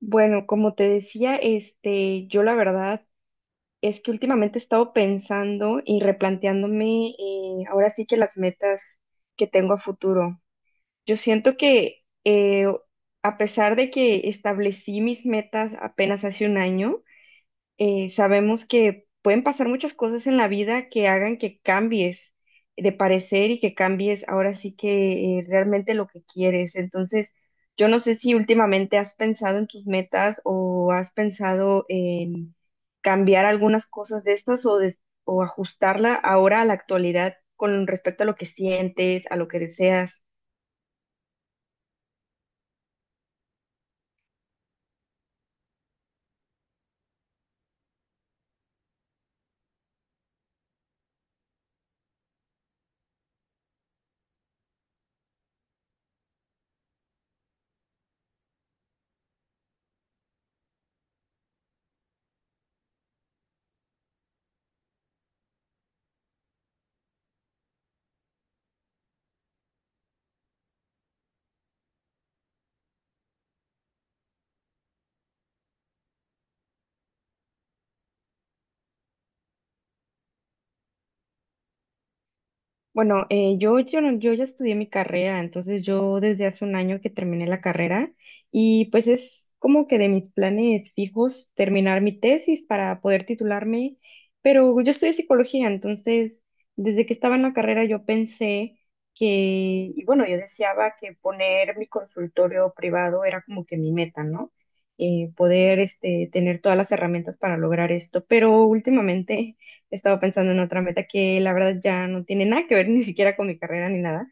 Bueno, como te decía, yo la verdad es que últimamente he estado pensando y replanteándome ahora sí que las metas que tengo a futuro. Yo siento que a pesar de que establecí mis metas apenas hace un año, sabemos que pueden pasar muchas cosas en la vida que hagan que cambies de parecer y que cambies ahora sí que realmente lo que quieres. Entonces, yo no sé si últimamente has pensado en tus metas o has pensado en cambiar algunas cosas de estas o, o ajustarla ahora a la actualidad con respecto a lo que sientes, a lo que deseas. Bueno, yo, yo, no- yo ya estudié mi carrera, entonces yo desde hace un año que terminé la carrera y pues es como que de mis planes fijos terminar mi tesis para poder titularme, pero yo estudié psicología, entonces desde que estaba en la carrera yo pensé que, y bueno, yo deseaba que poner mi consultorio privado era como que mi meta, ¿no? Poder tener todas las herramientas para lograr esto, pero últimamente estaba pensando en otra meta que la verdad ya no tiene nada que ver ni siquiera con mi carrera ni nada,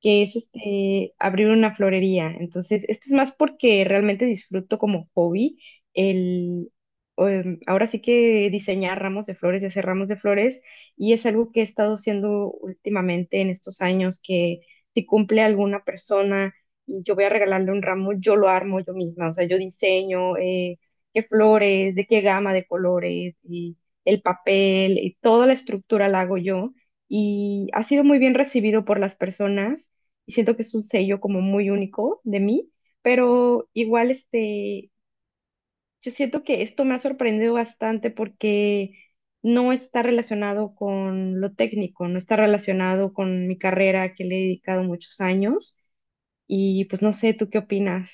que es abrir una florería. Entonces, esto es más porque realmente disfruto como hobby el... Ahora sí que diseñar ramos de flores y hacer ramos de flores, y es algo que he estado haciendo últimamente en estos años, que si cumple alguna persona y yo voy a regalarle un ramo, yo lo armo yo misma, o sea, yo diseño, qué flores, de qué gama de colores, y el papel y toda la estructura la hago yo y ha sido muy bien recibido por las personas y siento que es un sello como muy único de mí, pero igual yo siento que esto me ha sorprendido bastante porque no está relacionado con lo técnico, no está relacionado con mi carrera que le he dedicado muchos años y pues no sé, ¿tú qué opinas?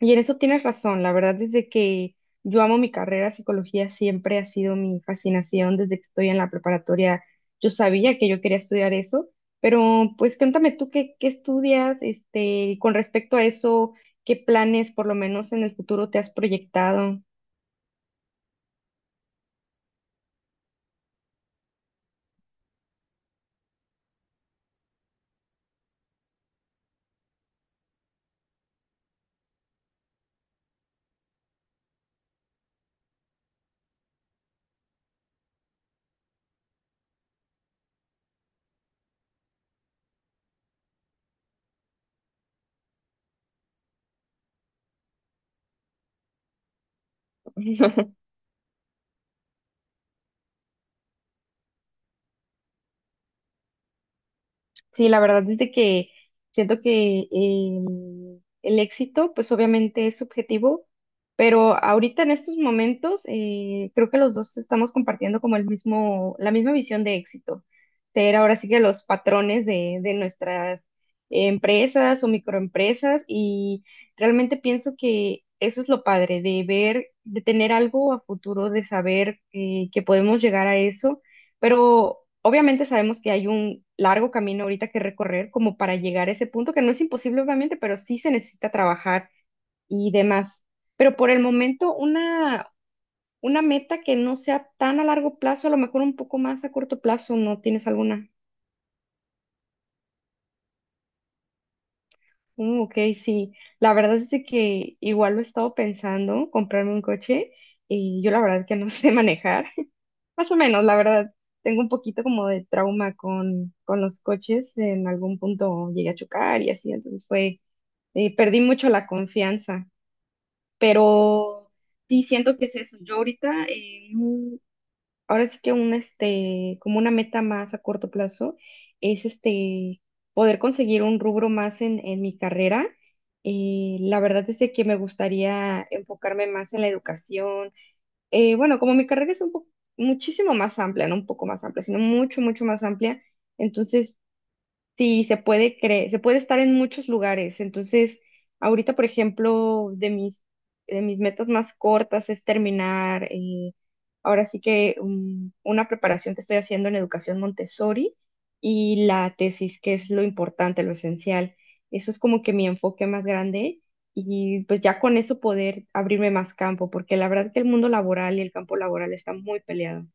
Y en eso tienes razón, la verdad, desde que yo amo mi carrera, psicología siempre ha sido mi fascinación desde que estoy en la preparatoria. Yo sabía que yo quería estudiar eso, pero pues cuéntame tú qué, qué estudias, y con respecto a eso, qué planes por lo menos en el futuro te has proyectado. Sí, la verdad es de que siento que el éxito, pues obviamente es subjetivo, pero ahorita en estos momentos creo que los dos estamos compartiendo como el mismo, la misma visión de éxito. Ser ahora sí que los patrones de nuestras empresas o microempresas y realmente pienso que eso es lo padre de ver, de tener algo a futuro, de saber que podemos llegar a eso pero obviamente sabemos que hay un largo camino ahorita que recorrer como para llegar a ese punto, que no es imposible obviamente, pero sí se necesita trabajar y demás. Pero por el momento, una meta que no sea tan a largo plazo, a lo mejor un poco más a corto plazo, ¿no tienes alguna? Ok, sí. La verdad es de que igual lo he estado pensando, comprarme un coche, y yo la verdad que no sé manejar. Más o menos, la verdad. Tengo un poquito como de trauma con los coches. En algún punto llegué a chocar y así, entonces fue, perdí mucho la confianza. Pero sí siento que es eso. Yo ahorita, ahora sí que un, como una meta más a corto plazo, es poder conseguir un rubro más en mi carrera. La verdad es de que me gustaría enfocarme más en la educación bueno, como mi carrera es un poco, muchísimo más amplia, no un poco más amplia, sino mucho, mucho más amplia, entonces sí, se puede creer, se puede estar en muchos lugares. Entonces, ahorita, por ejemplo, de mis metas más cortas es terminar, ahora sí que una preparación que estoy haciendo en educación Montessori y la tesis, que es lo importante, lo esencial. Eso es como que mi enfoque más grande y pues ya con eso poder abrirme más campo, porque la verdad que el mundo laboral y el campo laboral están muy peleados.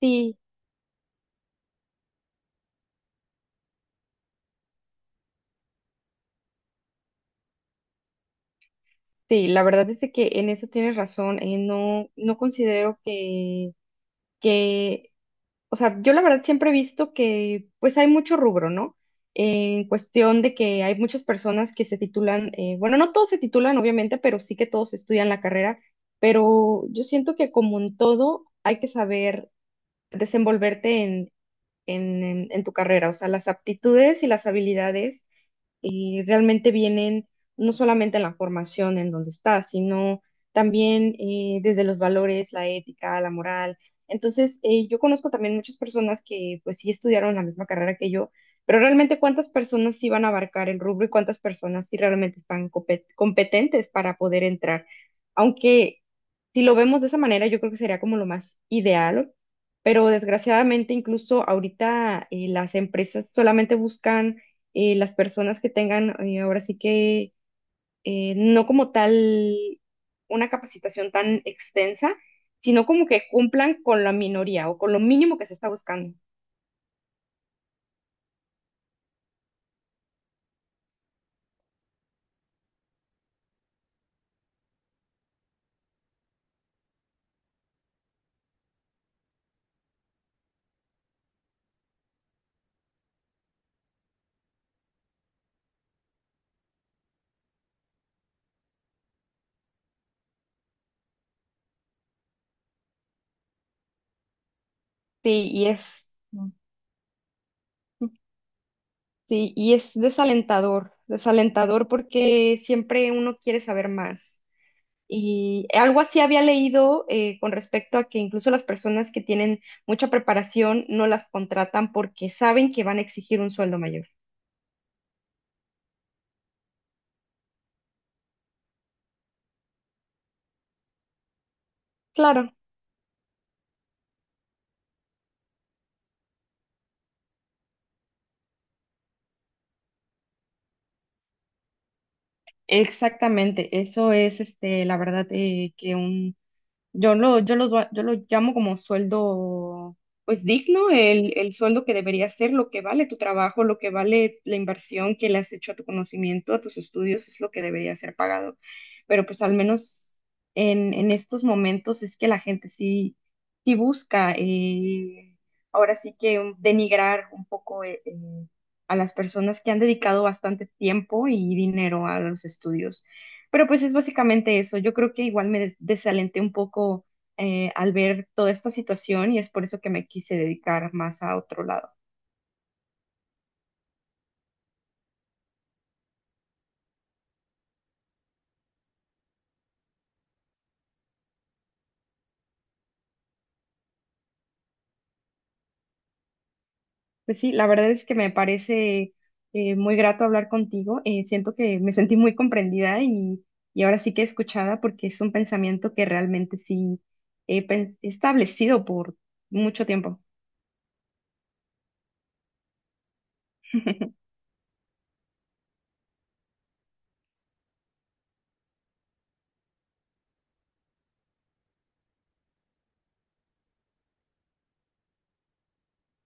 Sí. Sí, la verdad es de que en eso tienes razón. No, no considero que, que, o sea, yo la verdad siempre he visto que pues hay mucho rubro, ¿no? En cuestión de que hay muchas personas que se titulan, bueno, no todos se titulan, obviamente, pero sí que todos estudian la carrera, pero yo siento que como en todo hay que saber desenvolverte en, en en tu carrera, o sea, las aptitudes y las habilidades realmente vienen no solamente en la formación en donde estás, sino también desde los valores, la ética, la moral. Entonces, yo conozco también muchas personas que pues sí estudiaron la misma carrera que yo, pero realmente cuántas personas sí van a abarcar el rubro y cuántas personas sí realmente están competentes para poder entrar. Aunque si lo vemos de esa manera, yo creo que sería como lo más ideal, pero desgraciadamente incluso ahorita las empresas solamente buscan las personas que tengan, ahora sí que no como tal una capacitación tan extensa, sino como que cumplan con la minoría o con lo mínimo que se está buscando. Sí, y es, Mm. Sí, y es desalentador, desalentador porque siempre uno quiere saber más. Y algo así había leído con respecto a que incluso las personas que tienen mucha preparación no las contratan porque saben que van a exigir un sueldo mayor. Claro, exactamente. Eso es, este, la verdad, que un Yo lo llamo como sueldo, pues digno, el sueldo que debería ser, lo que vale tu trabajo, lo que vale la inversión que le has hecho a tu conocimiento, a tus estudios, es lo que debería ser pagado. Pero pues al menos en estos momentos es que sí busca, ahora sí que denigrar un poco a las personas que han dedicado bastante tiempo y dinero a los estudios. Pero pues es básicamente eso. Yo creo que igual desalenté un poco al ver toda esta situación y es por eso que me quise dedicar más a otro lado. Pues sí, la verdad es que me parece muy grato hablar contigo. Siento que me sentí muy comprendida y ahora sí que escuchada porque es un pensamiento que realmente sí he establecido por mucho tiempo.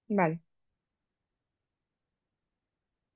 Vale.